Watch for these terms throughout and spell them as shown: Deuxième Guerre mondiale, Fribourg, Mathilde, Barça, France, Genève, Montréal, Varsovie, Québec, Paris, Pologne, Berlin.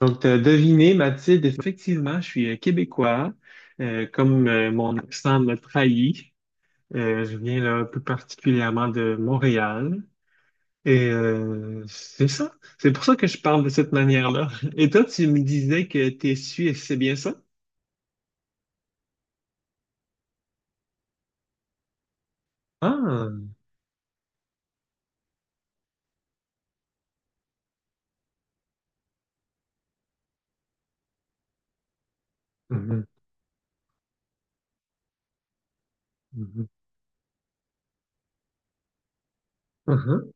Donc, t'as deviné, Mathilde, effectivement, je suis québécois. Comme mon accent me trahit, je viens là plus particulièrement de Montréal. Et c'est ça. C'est pour ça que je parle de cette manière-là. Et toi, tu me disais que tu es suisse, c'est bien ça? Ah! Mhm, mhm, mhm.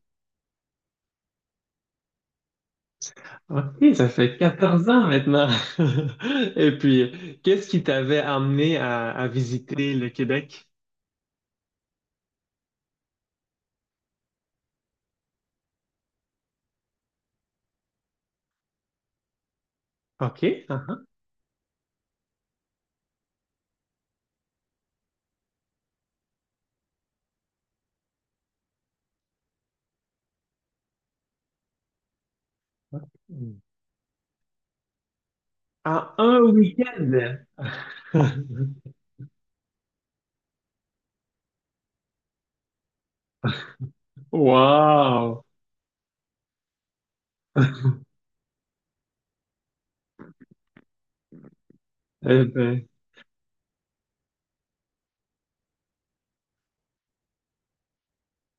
OK, ça fait 14 ans maintenant. Et puis, qu'est-ce qui t'avait amené à visiter le Québec? OK. Uh-huh. À un week-end? Wow! Eh ben,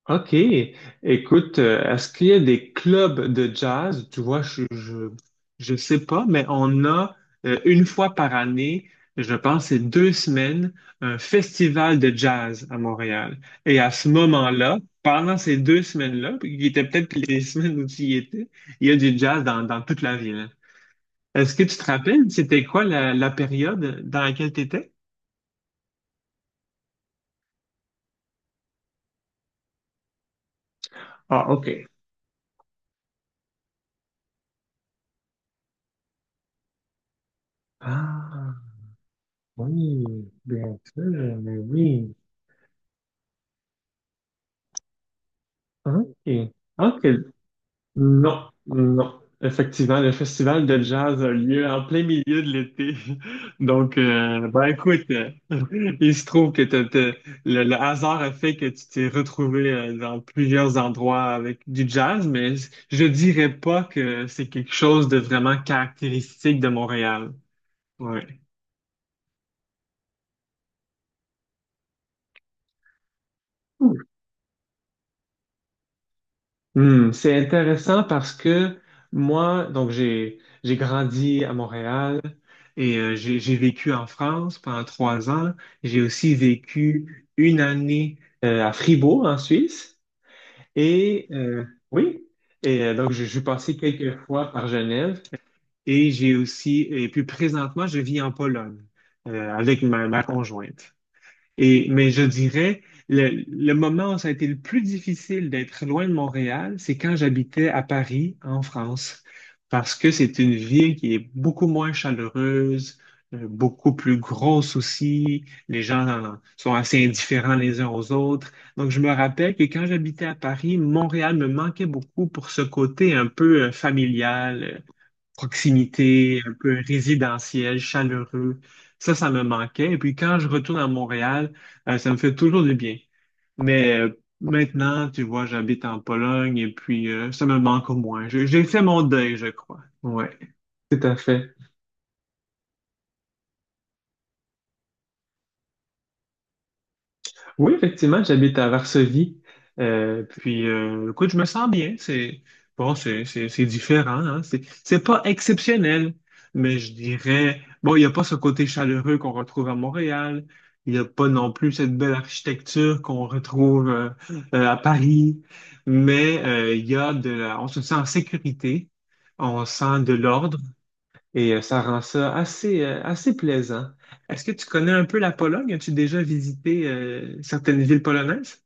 OK. Écoute, est-ce qu'il y a des clubs de jazz? Tu vois, je sais pas, mais on a une fois par année, je pense, c'est 2 semaines, un festival de jazz à Montréal. Et à ce moment-là, pendant ces 2 semaines-là, puis qui étaient peut-être les semaines où tu y étais, il y a du jazz dans toute la ville. Est-ce que tu te rappelles, c'était quoi la période dans laquelle tu étais? Ah, ok. Ah, oui, bien sûr, mais oui. Ok. Ok. Non, non. Effectivement, le festival de jazz a lieu en plein milieu de l'été. Donc, ben écoute, il se trouve que le hasard a fait que tu t'es retrouvé dans plusieurs endroits avec du jazz, mais je dirais pas que c'est quelque chose de vraiment caractéristique de Montréal. Ouais. Hmm, c'est intéressant parce que moi, donc j'ai grandi à Montréal et j'ai vécu en France pendant 3 ans. J'ai aussi vécu une année à Fribourg en Suisse et oui et donc je suis passé quelques fois par Genève et j'ai aussi et puis présentement je vis en Pologne avec ma conjointe. Mais je dirais, le moment où ça a été le plus difficile d'être loin de Montréal, c'est quand j'habitais à Paris, en France, parce que c'est une ville qui est beaucoup moins chaleureuse, beaucoup plus grosse aussi. Les gens sont assez indifférents les uns aux autres. Donc, je me rappelle que quand j'habitais à Paris, Montréal me manquait beaucoup pour ce côté un peu familial, proximité, un peu résidentiel, chaleureux. Ça me manquait. Et puis quand je retourne à Montréal, ça me fait toujours du bien. Mais maintenant, tu vois, j'habite en Pologne et puis ça me manque au moins. J'ai fait mon deuil, je crois. Ouais, tout à fait. Oui, effectivement, j'habite à Varsovie. Puis, écoute, je me sens bien. C'est bon, c'est différent. Hein? C'est pas exceptionnel, mais je dirais bon, il n'y a pas ce côté chaleureux qu'on retrouve à Montréal. Il n'y a pas non plus cette belle architecture qu'on retrouve à Paris. Mais il y a on se sent en sécurité. On sent de l'ordre. Et ça rend ça assez plaisant. Est-ce que tu connais un peu la Pologne? As-tu déjà visité certaines villes polonaises?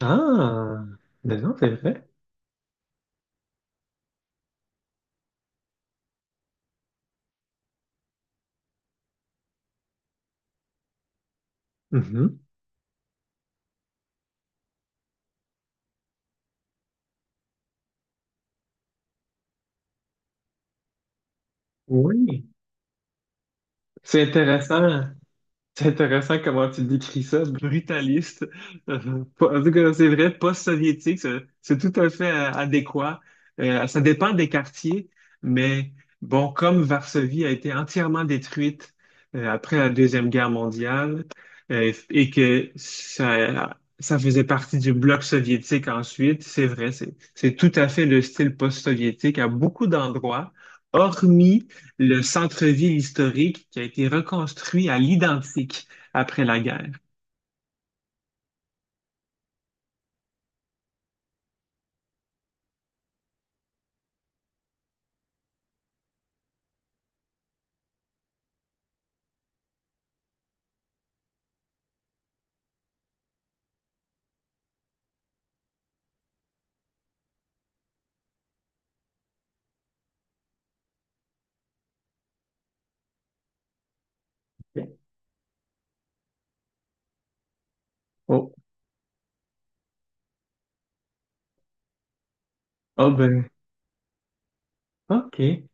Ah, ben non, c'est vrai. Mhm. Oui, c'est intéressant. C'est intéressant comment tu décris ça, brutaliste. En tout cas, c'est vrai, post-soviétique, c'est tout à fait adéquat. Ça dépend des quartiers, mais bon, comme Varsovie a été entièrement détruite après la Deuxième Guerre mondiale et que ça faisait partie du bloc soviétique ensuite, c'est vrai, c'est tout à fait le style post-soviétique à beaucoup d'endroits, hormis le centre-ville historique qui a été reconstruit à l'identique après la guerre. Oh, oh ben, OK.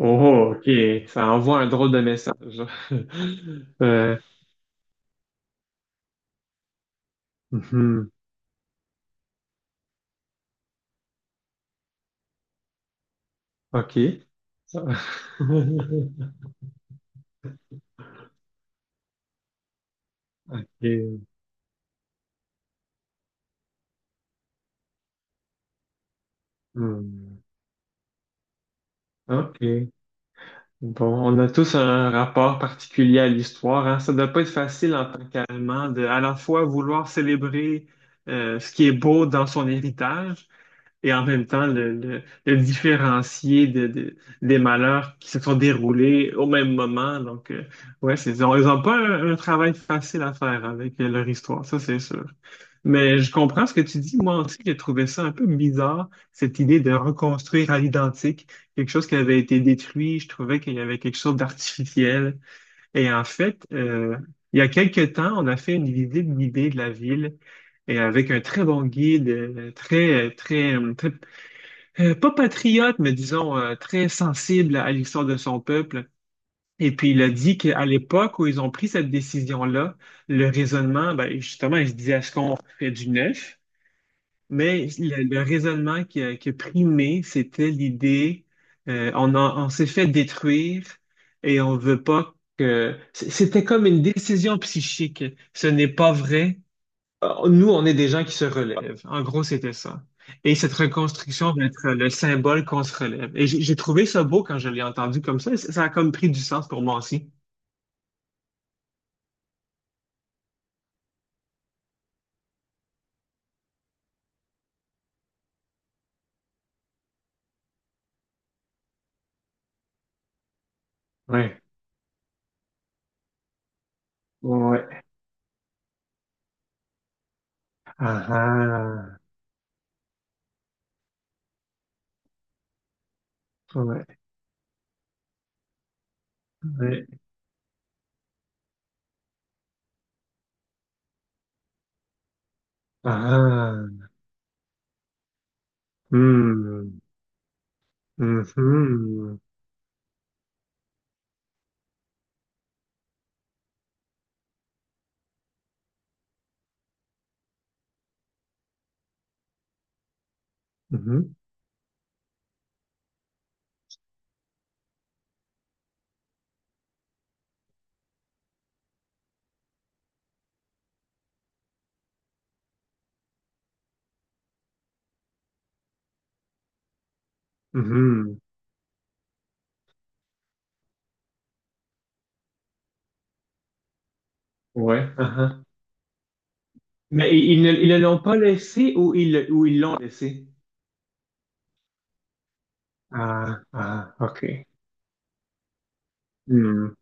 Oh, OK. Ça envoie un drôle de message. Euh, mhm, OK. Ça- OK. Hmm, OK. Bon, on a tous un rapport particulier à l'histoire, hein. Ça ne doit pas être facile en tant qu'Allemand de à la fois vouloir célébrer ce qui est beau dans son héritage, et en même temps le différencier des malheurs qui se sont déroulés au même moment. Donc, ouais, ils ont pas un travail facile à faire avec leur histoire, ça c'est sûr. Mais je comprends ce que tu dis. Moi aussi, j'ai trouvé ça un peu bizarre, cette idée de reconstruire à l'identique quelque chose qui avait été détruit. Je trouvais qu'il y avait quelque chose d'artificiel. Et en fait, il y a quelques temps, on a fait une visite guidée de la ville et avec un très bon guide, très, très, très pas patriote, mais disons très sensible à l'histoire de son peuple. Et puis il a dit qu'à l'époque où ils ont pris cette décision-là, le raisonnement, ben, justement, il se disait, est-ce qu'on fait du neuf? Mais le raisonnement qui a primé, c'était l'idée, on s'est fait détruire et on veut pas que. C'était comme une décision psychique. Ce n'est pas vrai. Nous, on est des gens qui se relèvent. En gros, c'était ça. Et cette reconstruction va être le symbole qu'on se relève. Et j'ai trouvé ça beau quand je l'ai entendu comme ça. Ça a comme pris du sens pour moi aussi. Ouais, ouais, ah, ah, ouais, ouais, ah, ah. Hmm, mhm, mhm, mhm, ouais, ah, ah. Mais ils ne l'ont pas laissé ou ils l'ont laissé? Ah, ah, ok. Hmm,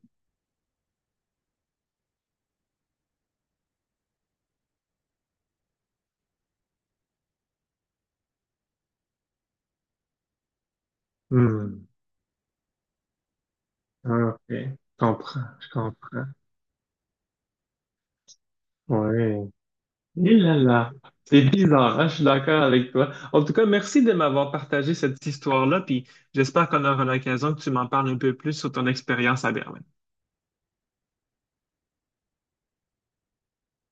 hmm, ok. Je comprends, je comprends. Ouais. Et là là, c'est bizarre, hein. Je suis d'accord avec toi. En tout cas, merci de m'avoir partagé cette histoire-là, puis j'espère qu'on aura l'occasion que tu m'en parles un peu plus sur ton expérience à Berlin.